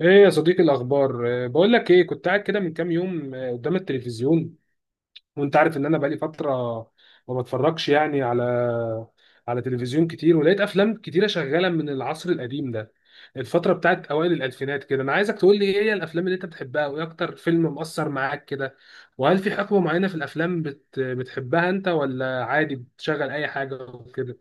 ايه يا صديقي، الاخبار؟ بقول لك ايه، كنت قاعد كده من كام يوم قدام التلفزيون. وانت عارف ان انا بقالي فتره ما بتفرجش يعني على تلفزيون كتير. ولقيت افلام كتيره شغاله من العصر القديم ده، الفتره بتاعت اوائل الالفينات كده. انا عايزك تقول لي ايه هي الافلام اللي انت بتحبها، وايه اكتر فيلم مؤثر معاك كده، وهل في حقبه معينه في الافلام بتحبها انت ولا عادي بتشغل اي حاجه وكده؟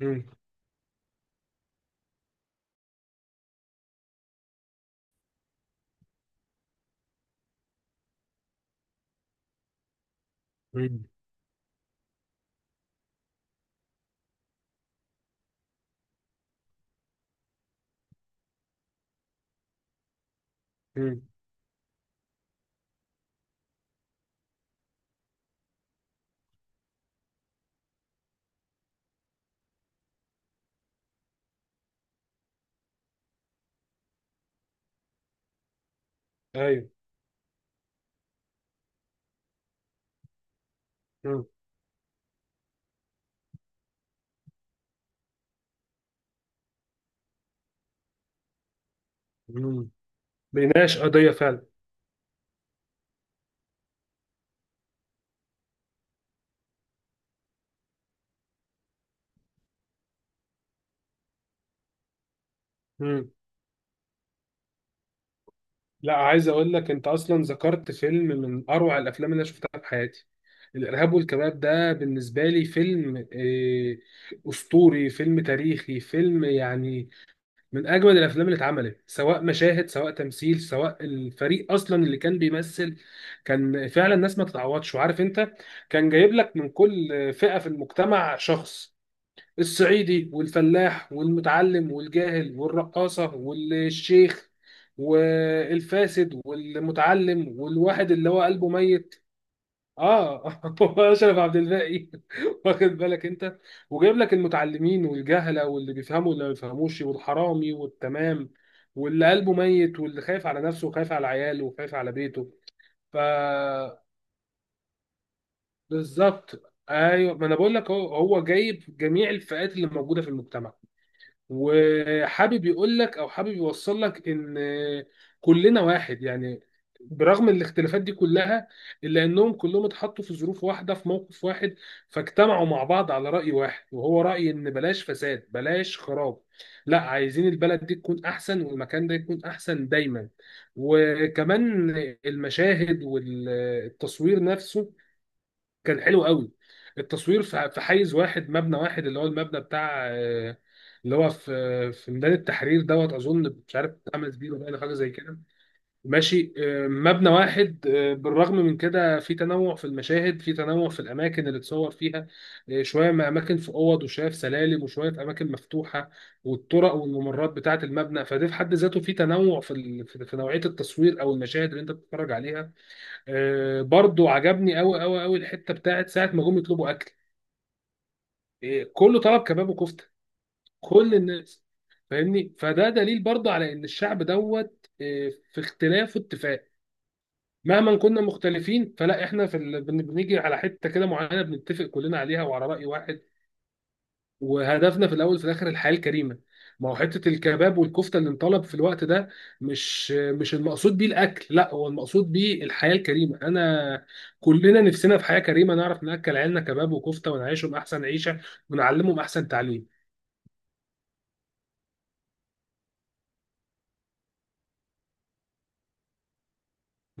امم. امم. امم. ايوه. امم. امم. بيناقش قضيه فعلا. لا، عايز اقول لك، انت اصلا ذكرت فيلم من اروع الافلام اللي انا شفتها في حياتي. الارهاب والكباب ده بالنسبه لي فيلم اسطوري، فيلم تاريخي، فيلم يعني من اجمل الافلام اللي اتعملت، سواء مشاهد سواء تمثيل سواء الفريق اصلا اللي كان بيمثل. كان فعلا ناس ما تتعوضش، وعارف انت، كان جايب لك من كل فئه في المجتمع شخص: الصعيدي والفلاح والمتعلم والجاهل والرقاصة والشيخ والفاسد والمتعلم والواحد اللي هو قلبه ميت. اه. هو اشرف عبد الباقي. واخد بالك انت؟ وجايب لك المتعلمين والجهله، واللي بيفهموا واللي ما بيفهموش، والحرامي والتمام، واللي قلبه ميت، واللي خايف على نفسه وخايف على عياله وخايف على بيته. ف بالظبط ايوه، ما انا بقول لك، هو جايب جميع الفئات اللي موجوده في المجتمع، وحابب يقول لك او حابب يوصل لك ان كلنا واحد يعني. برغم الاختلافات دي كلها، الا انهم كلهم اتحطوا في ظروف واحده، في موقف واحد، فاجتمعوا مع بعض على راي واحد، وهو راي ان بلاش فساد بلاش خراب، لا، عايزين البلد دي تكون احسن، والمكان ده يكون احسن دايما. وكمان المشاهد والتصوير نفسه كان حلو قوي. التصوير في في حيز واحد، مبنى واحد، اللي هو المبنى بتاع اللي هو في في ميدان التحرير دوت، اظن مش عارف عمل بيه ولا حاجه زي كده. ماشي، مبنى واحد، بالرغم من كده في تنوع في المشاهد، في تنوع في الاماكن اللي اتصور فيها. شويه ما اماكن في اوض، وشويه في سلالم، وشويه في اماكن مفتوحه، والطرق والممرات بتاعه المبنى. فده في حد ذاته في تنوع في في نوعيه التصوير او المشاهد اللي انت بتتفرج عليها. برضو عجبني قوي قوي قوي الحته بتاعت ساعه ما جم يطلبوا اكل. كله طلب كباب وكفته، كل الناس، فاهمني. فده دليل برضو على ان الشعب دوت في اختلاف واتفاق. مهما كنا مختلفين فلا احنا في بنيجي على حته كده معينه بنتفق كلنا عليها وعلى راي واحد، وهدفنا في الاول وفي الاخر الحياه الكريمه. ما هو حته الكباب والكفته اللي انطلب في الوقت ده مش المقصود بيه الاكل، لا، هو المقصود بيه الحياه الكريمه. انا كلنا نفسنا في حياه كريمه، نعرف ناكل عيالنا كباب وكفته ونعيشهم احسن عيشه ونعلمهم احسن تعليم.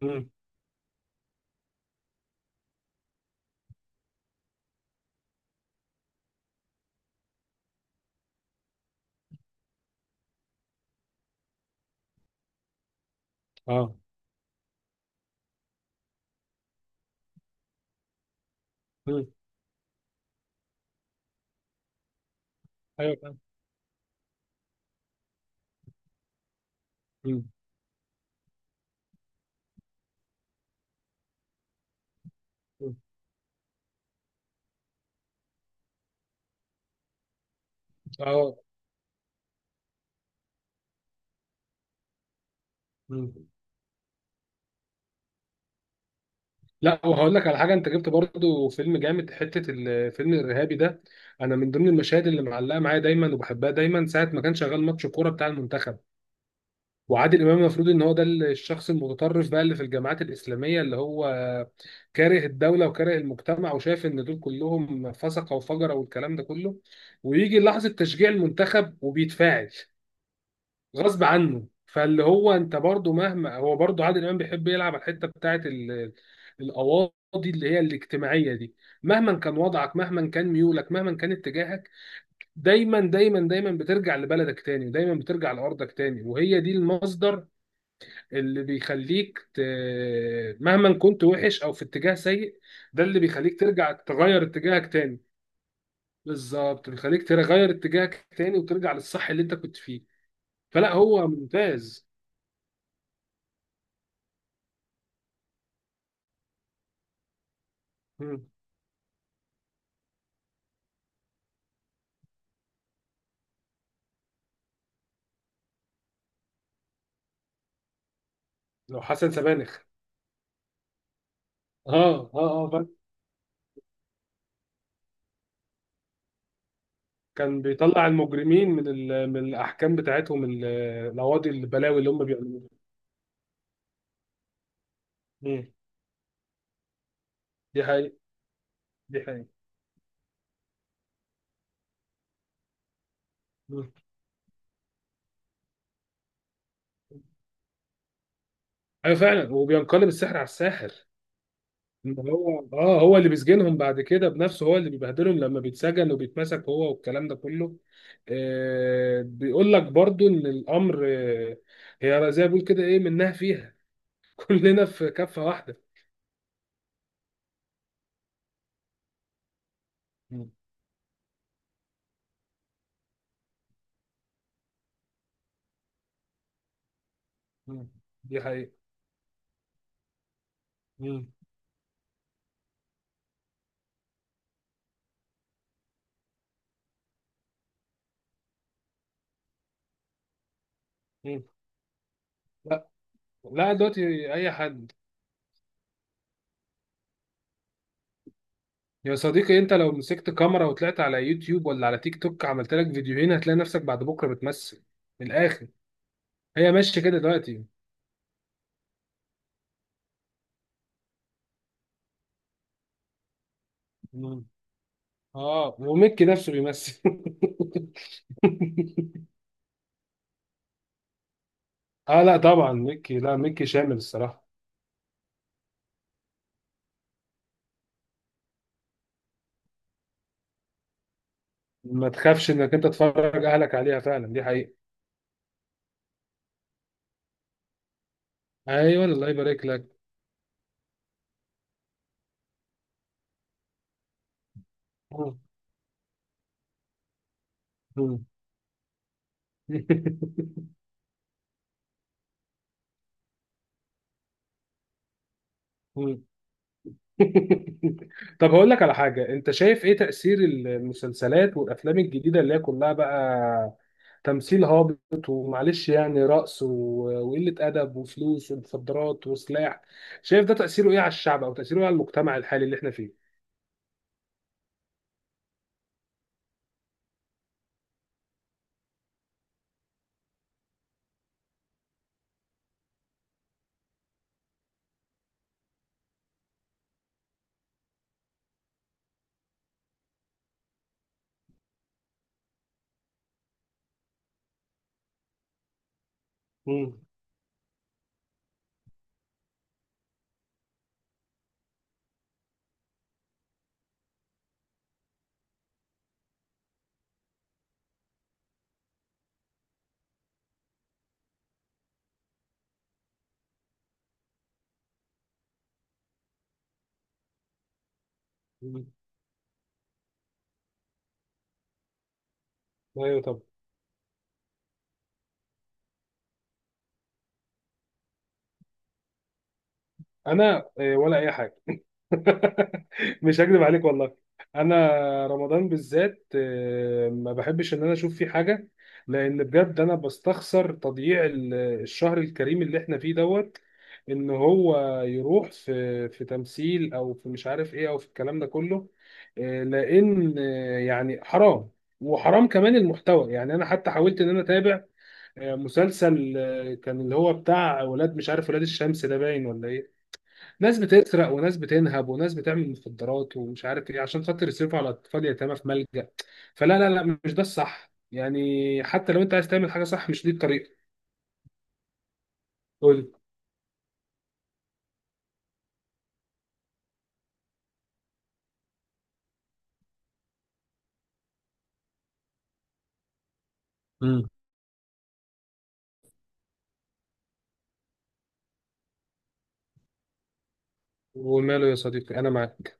امم. اه. امم. ايوه، فاهم. مم. مم. اه. مم. لا، وهقول لك على حاجه، انت جبت برضو فيلم جامد، حته الفيلم الارهابي ده. انا من ضمن المشاهد اللي معلقه معايا دايما وبحبها دايما ساعه ما كان شغال ماتش كوره بتاع المنتخب، وعادل امام المفروض ان هو ده الشخص المتطرف بقى اللي في الجامعات الاسلاميه، اللي هو كاره الدوله وكاره المجتمع وشايف ان دول كلهم فسقه وفجره والكلام ده كله، ويجي لحظه تشجيع المنتخب وبيتفاعل غصب عنه. فاللي هو انت برضو مهما هو برضو عادل امام بيحب يلعب على الحته بتاعت القواضي اللي هي الاجتماعيه دي. مهما كان وضعك، مهما كان ميولك، مهما كان اتجاهك، دايما دايما دايما بترجع لبلدك تاني، ودايما بترجع لارضك تاني، وهي دي المصدر اللي بيخليك مهما كنت وحش او في اتجاه سيء، ده اللي بيخليك ترجع تغير اتجاهك تاني. بالظبط، بيخليك تغير اتجاهك تاني وترجع للصح اللي انت كنت فيه. فلا، هو ممتاز. مم. لو حسن سبانخ. اه اه اه، فاهم. كان بيطلع المجرمين من من الاحكام بتاعتهم، القواضي، البلاوي اللي هم بيعملوها. مم. دي حقيقة. دي حقيقة. مم. ايوه، فعلا، وبينقلب السحر على الساحر. هو اه هو اللي بيسجنهم بعد كده بنفسه، هو اللي بيبهدلهم لما بيتسجن وبيتمسك هو والكلام ده كله. بيقول لك برضو ان الامر هي زي ما بيقول كده، ايه منها فيها. كلنا في كفة واحدة. مم. مم. دي حقيقة. مم. مم. لا. لا، دلوقتي اي حد. يا صديقي، انت لو مسكت كاميرا وطلعت على يوتيوب ولا على تيك توك عملت لك فيديوهين هتلاقي نفسك بعد بكرة بتمثل. من الاخر، هي ماشية كده دلوقتي. اه، وميكي نفسه بيمثل. اه، لا، طبعا ميكي، لا، ميكي شامل الصراحه. ما تخافش انك انت تفرج اهلك عليها، فعلا، دي حقيقه. ايوه، الله يبارك لك. مم. مم. مم. طب هقول لك على حاجه، انت شايف ايه تاثير المسلسلات والافلام الجديده اللي هي كلها بقى تمثيل هابط، ومعلش يعني رقص، وقله ادب وفلوس ومخدرات وسلاح؟ شايف ده تاثيره ايه على الشعب، او تاثيره ايه على المجتمع الحالي اللي احنا فيه؟ مم. مم. ايوه. طب انا ولا اي حاجه. مش هكذب عليك والله، انا رمضان بالذات ما بحبش ان انا اشوف فيه حاجه، لان بجد انا بستخسر تضييع الشهر الكريم اللي احنا فيه دوت ان هو يروح في في تمثيل او في مش عارف ايه او في الكلام ده كله. لان يعني حرام، وحرام كمان المحتوى. يعني انا حتى حاولت ان انا اتابع مسلسل كان اللي هو بتاع ولاد، مش عارف، ولاد الشمس ده باين ولا ايه. ناس بتسرق وناس بتنهب وناس بتعمل مخدرات ومش عارف ايه عشان خاطر يصرفوا على اطفال يتامى في ملجأ. فلا لا لا، مش ده الصح يعني، حتى لو انت عايز تعمل حاجة صح مش دي الطريقة. قول. مم. وماله يا صديقي، انا معاك.